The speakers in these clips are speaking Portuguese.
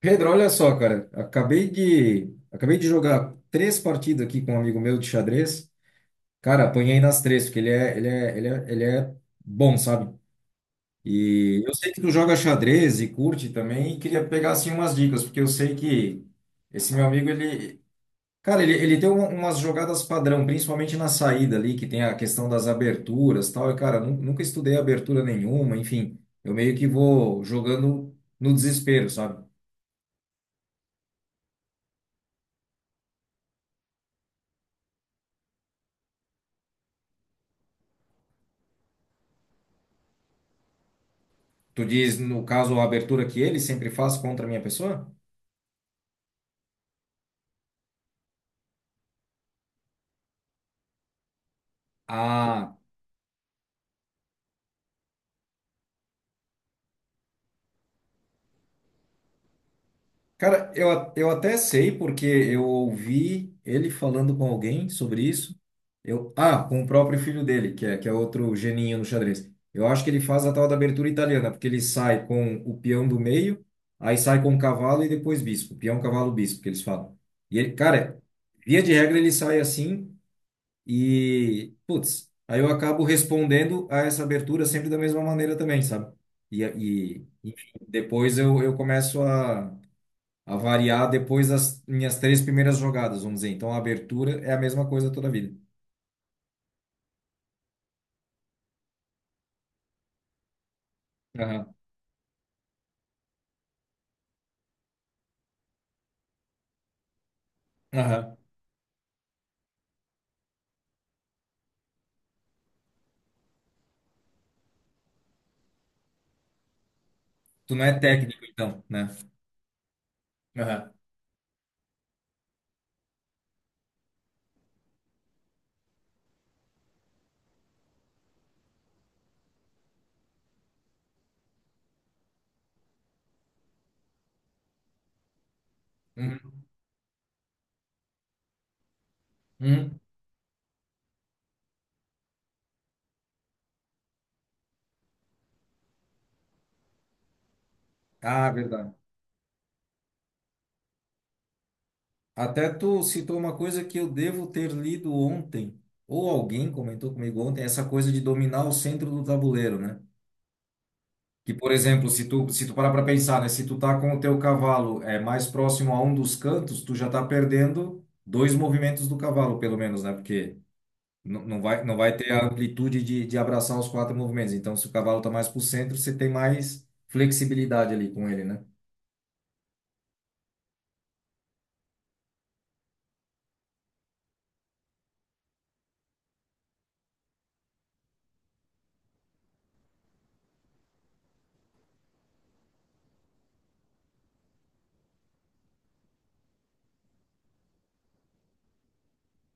Pedro, olha só, cara, acabei de jogar três partidas aqui com um amigo meu de xadrez. Cara, apanhei nas três, porque ele é bom, sabe? E eu sei que tu joga xadrez e curte também, e queria pegar assim umas dicas, porque eu sei que esse meu amigo ele Cara, ele tem umas jogadas padrão, principalmente na saída ali, que tem a questão das aberturas e tal. E, cara, nunca estudei abertura nenhuma, enfim, eu meio que vou jogando no desespero, sabe? Tu diz, no caso, a abertura que ele sempre faz contra a minha pessoa? Ah, cara, eu até sei porque eu ouvi ele falando com alguém sobre isso. Com o próprio filho dele, que é outro geninho no xadrez. Eu acho que ele faz a tal da abertura italiana, porque ele sai com o peão do meio, aí sai com o cavalo e depois bispo. Peão, cavalo, bispo, que eles falam. E ele, cara, via de regra ele sai assim. E, putz, aí eu acabo respondendo a essa abertura sempre da mesma maneira também, sabe? E enfim, depois eu começo a variar depois das minhas três primeiras jogadas, vamos dizer. Então a abertura é a mesma coisa toda a vida. Aham, aham. Tu não é técnico, então, né? Aham. Uhum. Uhum. Ah, verdade. Até tu citou uma coisa que eu devo ter lido ontem, ou alguém comentou comigo ontem, essa coisa de dominar o centro do tabuleiro, né? Que, por exemplo, se tu parar para pensar, né? Se tu tá com o teu cavalo é mais próximo a um dos cantos, tu já tá perdendo dois movimentos do cavalo, pelo menos, né? Porque não vai ter a amplitude de abraçar os quatro movimentos. Então, se o cavalo tá mais pro centro, você tem mais flexibilidade ali com ele, né?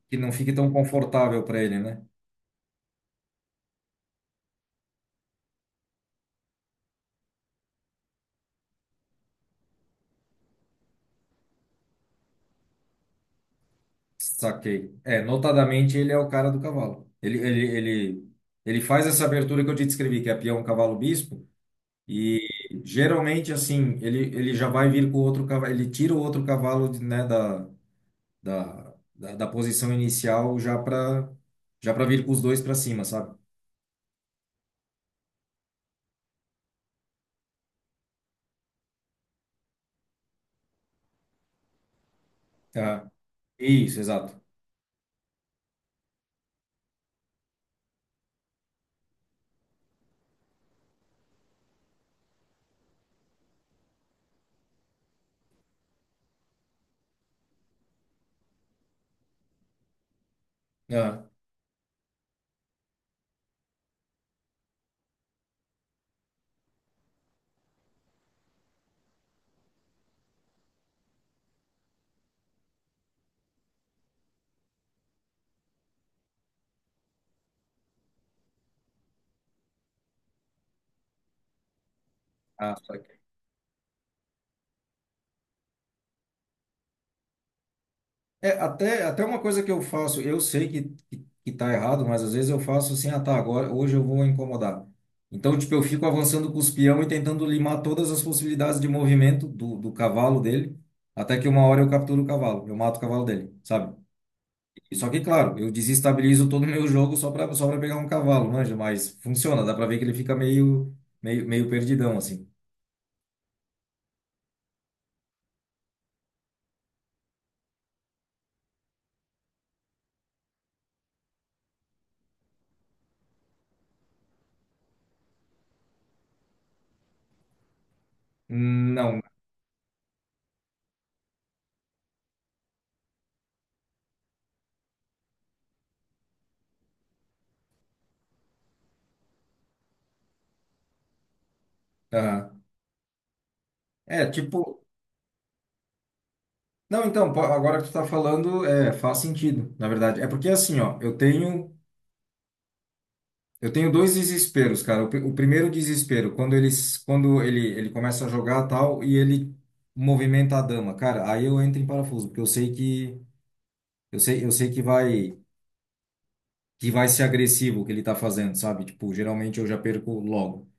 Que não fique tão confortável para ele, né? Saquei. É, notadamente ele é o cara do cavalo. Ele faz essa abertura que eu te descrevi, que é peão, cavalo, bispo. E geralmente, assim, ele já vai vir com outro cavalo, ele tira o outro cavalo, de- né, da posição inicial já para já para vir com os dois para cima, sabe? Aham. Isso, exato. Aham. Ah, saquei. É, até uma coisa que eu faço, eu sei que tá errado, mas às vezes eu faço assim, ah, tá, agora, hoje eu vou incomodar. Então, tipo, eu fico avançando com os peão e tentando limar todas as possibilidades de movimento do, do cavalo dele, até que uma hora eu capturo o cavalo, eu mato o cavalo dele, sabe? Só que, claro, eu desestabilizo todo o meu jogo só para pegar um cavalo, manja, mas funciona, dá para ver que ele fica meio meio perdidão assim. Não, aham. É, tipo, não, então, agora que tu tá falando, é, faz sentido, na verdade. É porque assim, ó, eu tenho dois desesperos, cara. O, o primeiro desespero, quando ele começa a jogar tal e ele movimenta a dama, cara, aí eu entro em parafuso, porque eu sei que vai ser agressivo o que ele tá fazendo, sabe? Tipo, geralmente eu já perco logo.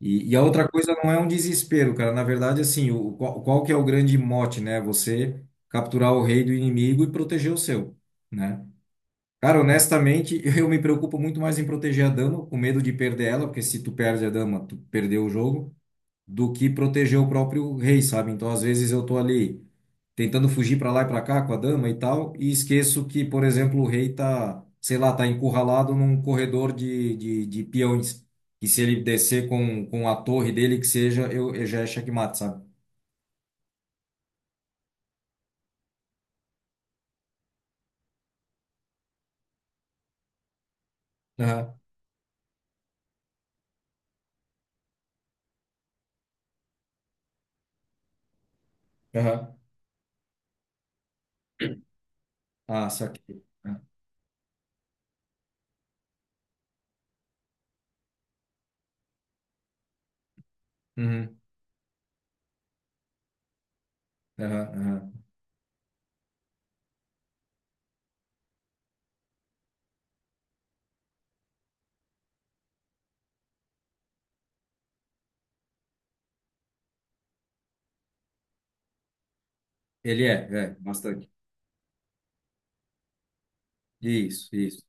E a outra coisa não é um desespero, cara. Na verdade, assim, qual que é o grande mote, né? Você capturar o rei do inimigo e proteger o seu, né? Cara, honestamente, eu me preocupo muito mais em proteger a dama, com medo de perder ela, porque se tu perde a dama, tu perdeu o jogo, do que proteger o próprio rei, sabe? Então, às vezes eu tô ali tentando fugir para lá e para cá com a dama e tal, e esqueço que, por exemplo, o rei tá, sei lá, tá encurralado num corredor de, de peões, e se ele descer com a torre dele, que seja, eu já é checkmate, sabe? Aham, aham. Ah, saquei. Uhum, aham, aham. Ele é, é, bastante. Isso, isso.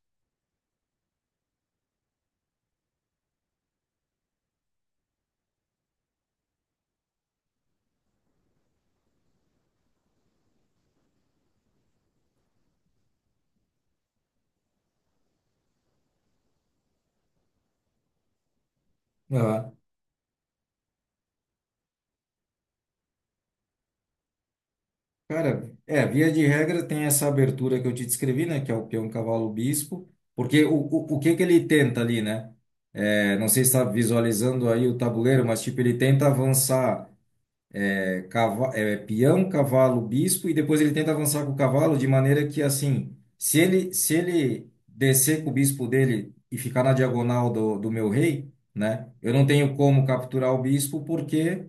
Aham. Cara, é, via de regra tem essa abertura que eu te descrevi, né? Que é o peão, cavalo, bispo. Porque o que que ele tenta ali, né? É, não sei se está visualizando aí o tabuleiro, mas tipo, ele tenta avançar é, peão, cavalo, bispo, e depois ele tenta avançar com o cavalo de maneira que, assim, se ele descer com o bispo dele e ficar na diagonal do, do meu rei, né, eu não tenho como capturar o bispo porque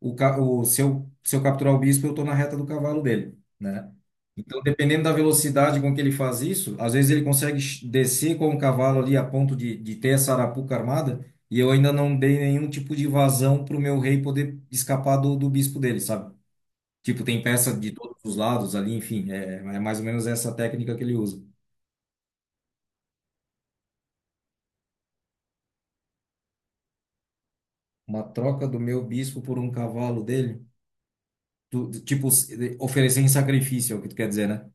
o, ca- o, se eu, se eu capturar o bispo, eu estou na reta do cavalo dele, né? Então, dependendo da velocidade com que ele faz isso, às vezes ele consegue descer com o cavalo ali a ponto de ter essa arapuca armada, e eu ainda não dei nenhum tipo de vazão para o meu rei poder escapar do, do bispo dele, sabe? Tipo, tem peça de todos os lados ali, enfim, é, é mais ou menos essa técnica que ele usa. Uma troca do meu bispo por um cavalo dele, tipo, oferecer em sacrifício, é o que tu quer dizer, né?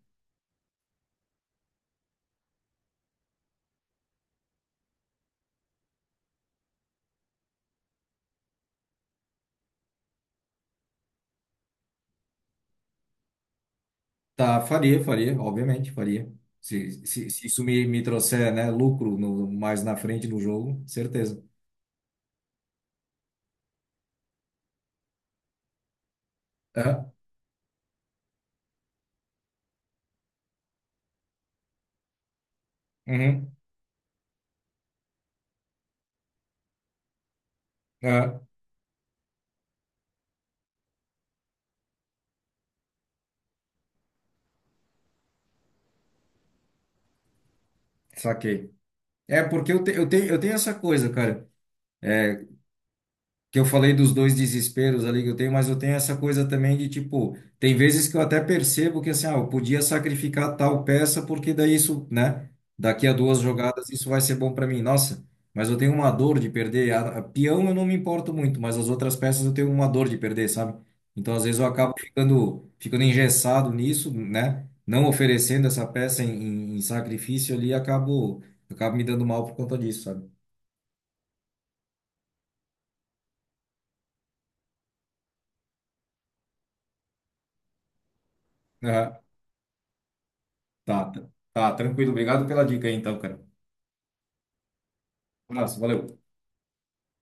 Tá, faria, faria, obviamente, faria. Se se isso me, me trouxer, né, lucro no, mais na frente no jogo, certeza. Aham, uhum, aham, saquei. É, porque eu tenho essa coisa, cara, que eu falei dos dois desesperos ali que eu tenho, mas eu tenho essa coisa também de tipo, tem vezes que eu até percebo que assim, ah, eu podia sacrificar tal peça porque daí isso, né? Daqui a duas jogadas isso vai ser bom para mim. Nossa, mas eu tenho uma dor de perder. A peão eu não me importo muito, mas as outras peças eu tenho uma dor de perder, sabe? Então às vezes eu acabo ficando engessado nisso, né? Não oferecendo essa peça em, em sacrifício ali, acabo me dando mal por conta disso, sabe? Tá, tá, tá, tranquilo. Obrigado pela dica aí, então, cara. Um abraço, valeu.